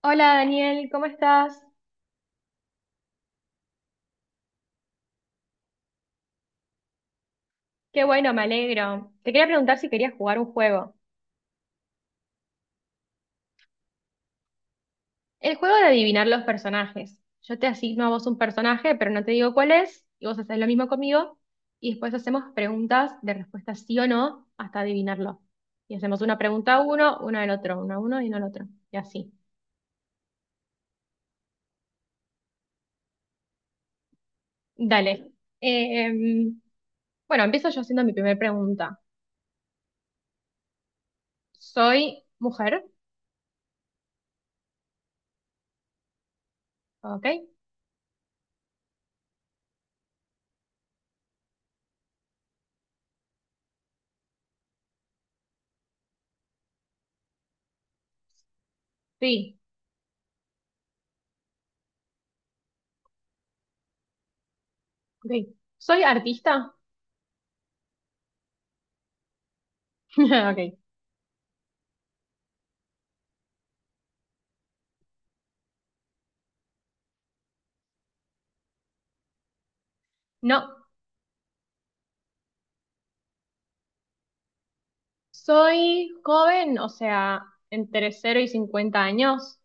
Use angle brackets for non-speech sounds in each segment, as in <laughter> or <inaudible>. Hola Daniel, ¿cómo estás? Qué bueno, me alegro. Te quería preguntar si querías jugar un juego. El juego de adivinar los personajes. Yo te asigno a vos un personaje, pero no te digo cuál es, y vos haces lo mismo conmigo, y después hacemos preguntas de respuesta sí o no hasta adivinarlo. Y hacemos una pregunta a uno, una al otro, una a uno y una al otro, y así. Dale. Eh, em, bueno, empiezo yo haciendo mi primera pregunta. ¿Soy mujer? ¿Ok? Sí. Ok. ¿Soy artista? <laughs> Ok. No. Soy joven, o sea, entre cero y 50 años.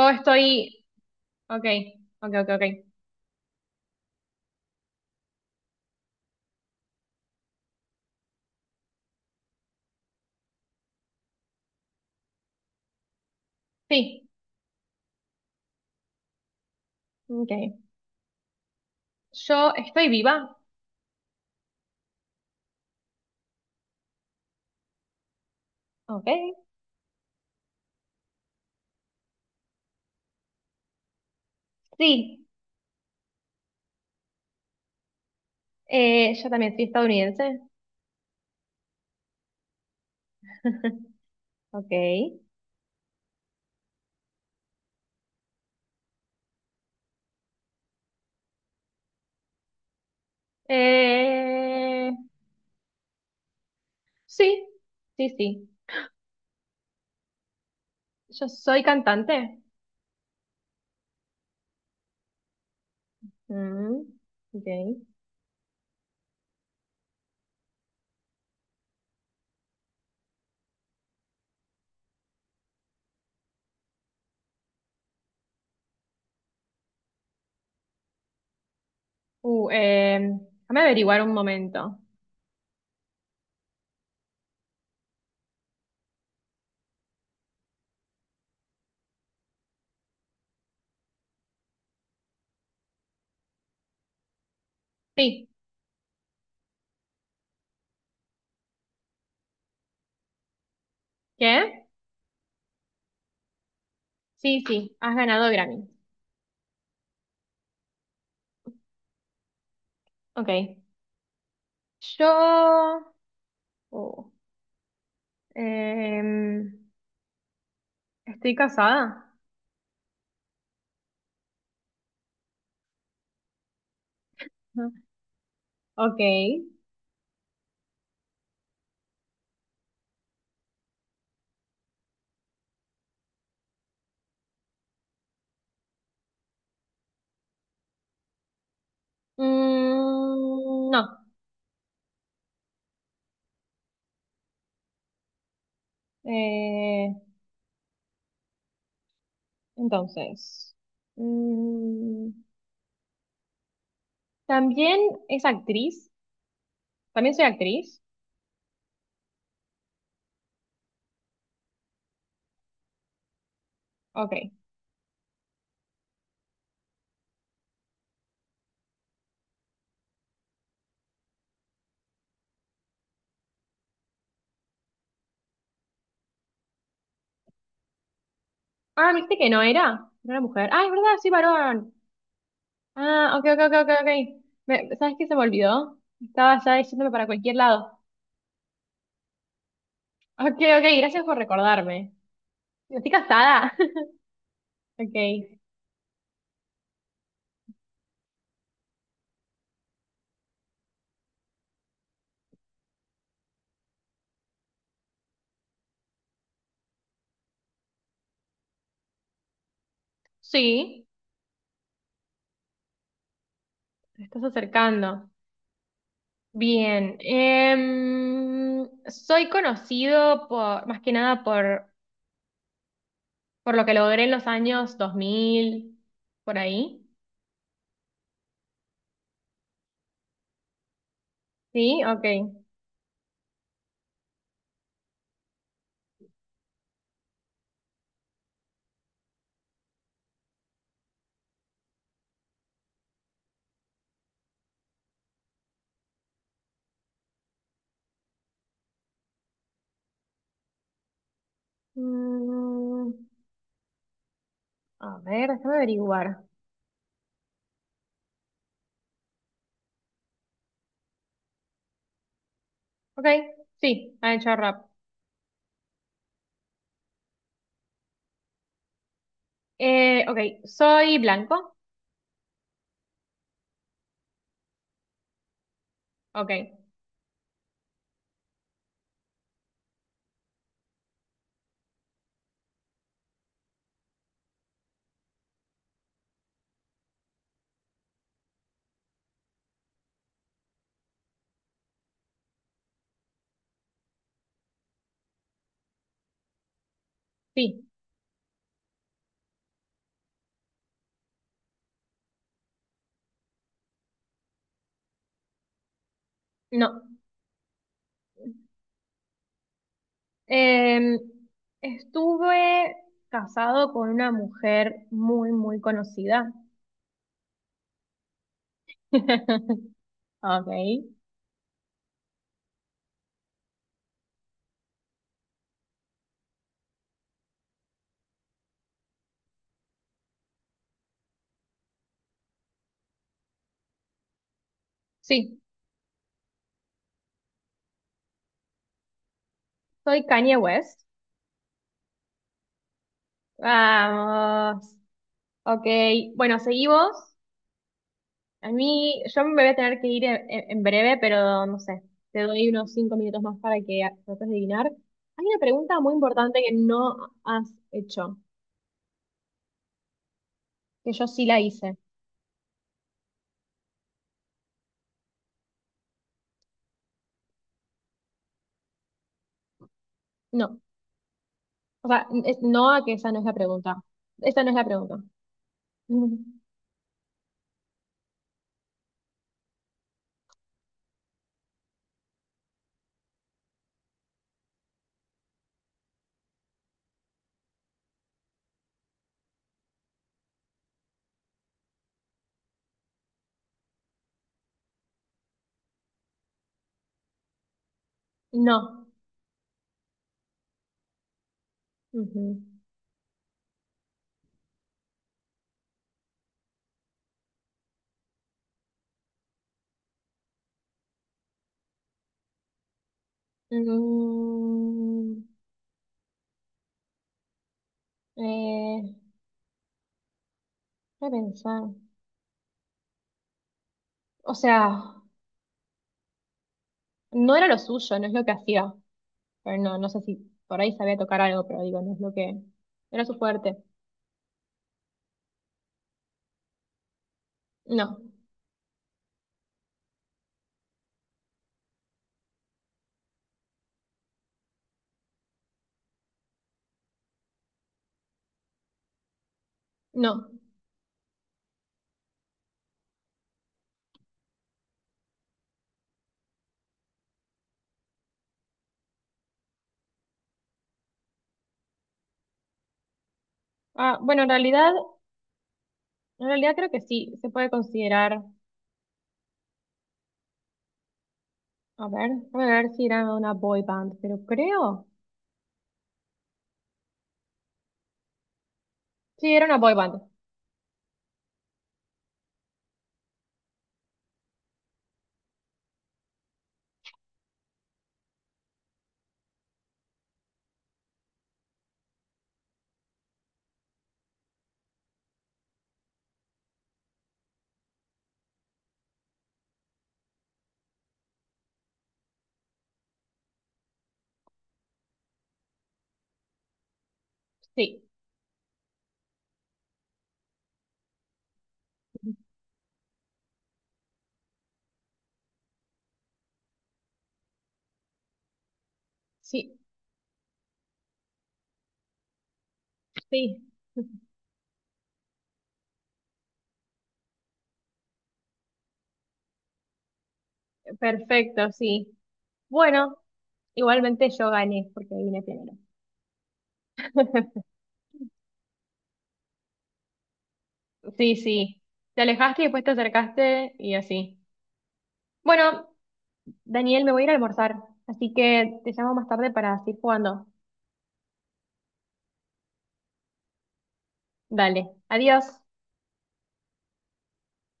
O estoy. Ok, ok, ok, ok. Sí, ok. Yo estoy viva. Ok. Sí, yo también soy estadounidense. <laughs> Ok. Eh, sí, sí, sí. Yo soy cantante. Mm, ok. Uh, eh, déjame averiguar un momento. Sí. ¿Qué? Sí, sí, has ganado Grammy. Ok. Yo. Oh. Em, ¿estoy casada? Ujú. Ok. No. Eh, entonces. Mm, ¿también es actriz? ¿También soy actriz? Ok. Ah, me dijiste que no era. No era mujer. Ah, es verdad, soy varón. Ah, ok, ok, ok, ok, ok. ¿Sabes qué se me olvidó? Estaba ya yéndome para cualquier lado. Ok, ok, gracias por recordarme. ¿Estoy casada? <laughs> Ok. Sí, te estás acercando. Bien, soy conocido por, más que nada por lo que logré en los años 2000 por ahí. Sí, ok. Mm, a ver, déjame averiguar. Ok, sí, ha hecho rap. Ok, soy blanco. Ok, sí, no. Em, estuve casado con una mujer muy, muy conocida. <laughs> Ok, sí, soy Kanye West. Vamos. Ok. Bueno, seguí vos. A mí, yo me voy a tener que ir en breve, pero no sé. Te doy unos 5 minutos más para que trates de adivinar. Hay una pregunta muy importante que no has hecho, que yo sí la hice. No. O sea, no a que esa no es la pregunta. Esa no es la pregunta. <laughs> Ujú. No. Ujú. Mm, eh, voy a pensar. O sea, no era lo suyo, no es lo que hacía. Pero no, no sé si por ahí sabía tocar algo, pero digo, no es lo que era su fuerte. No, no. Ah, bueno, en realidad creo que sí, se puede considerar, a ver, déjame ver si era una boy band, pero creo, sí, era una boy band, sí, sí, sí, <laughs> perfecto, sí. Bueno, igualmente yo gané porque vine primero. <laughs> Sí, sí, te alejaste y después te acercaste y así. Bueno, Daniel, me voy a ir a almorzar, así que te llamo más tarde para seguir jugando. Dale, adiós.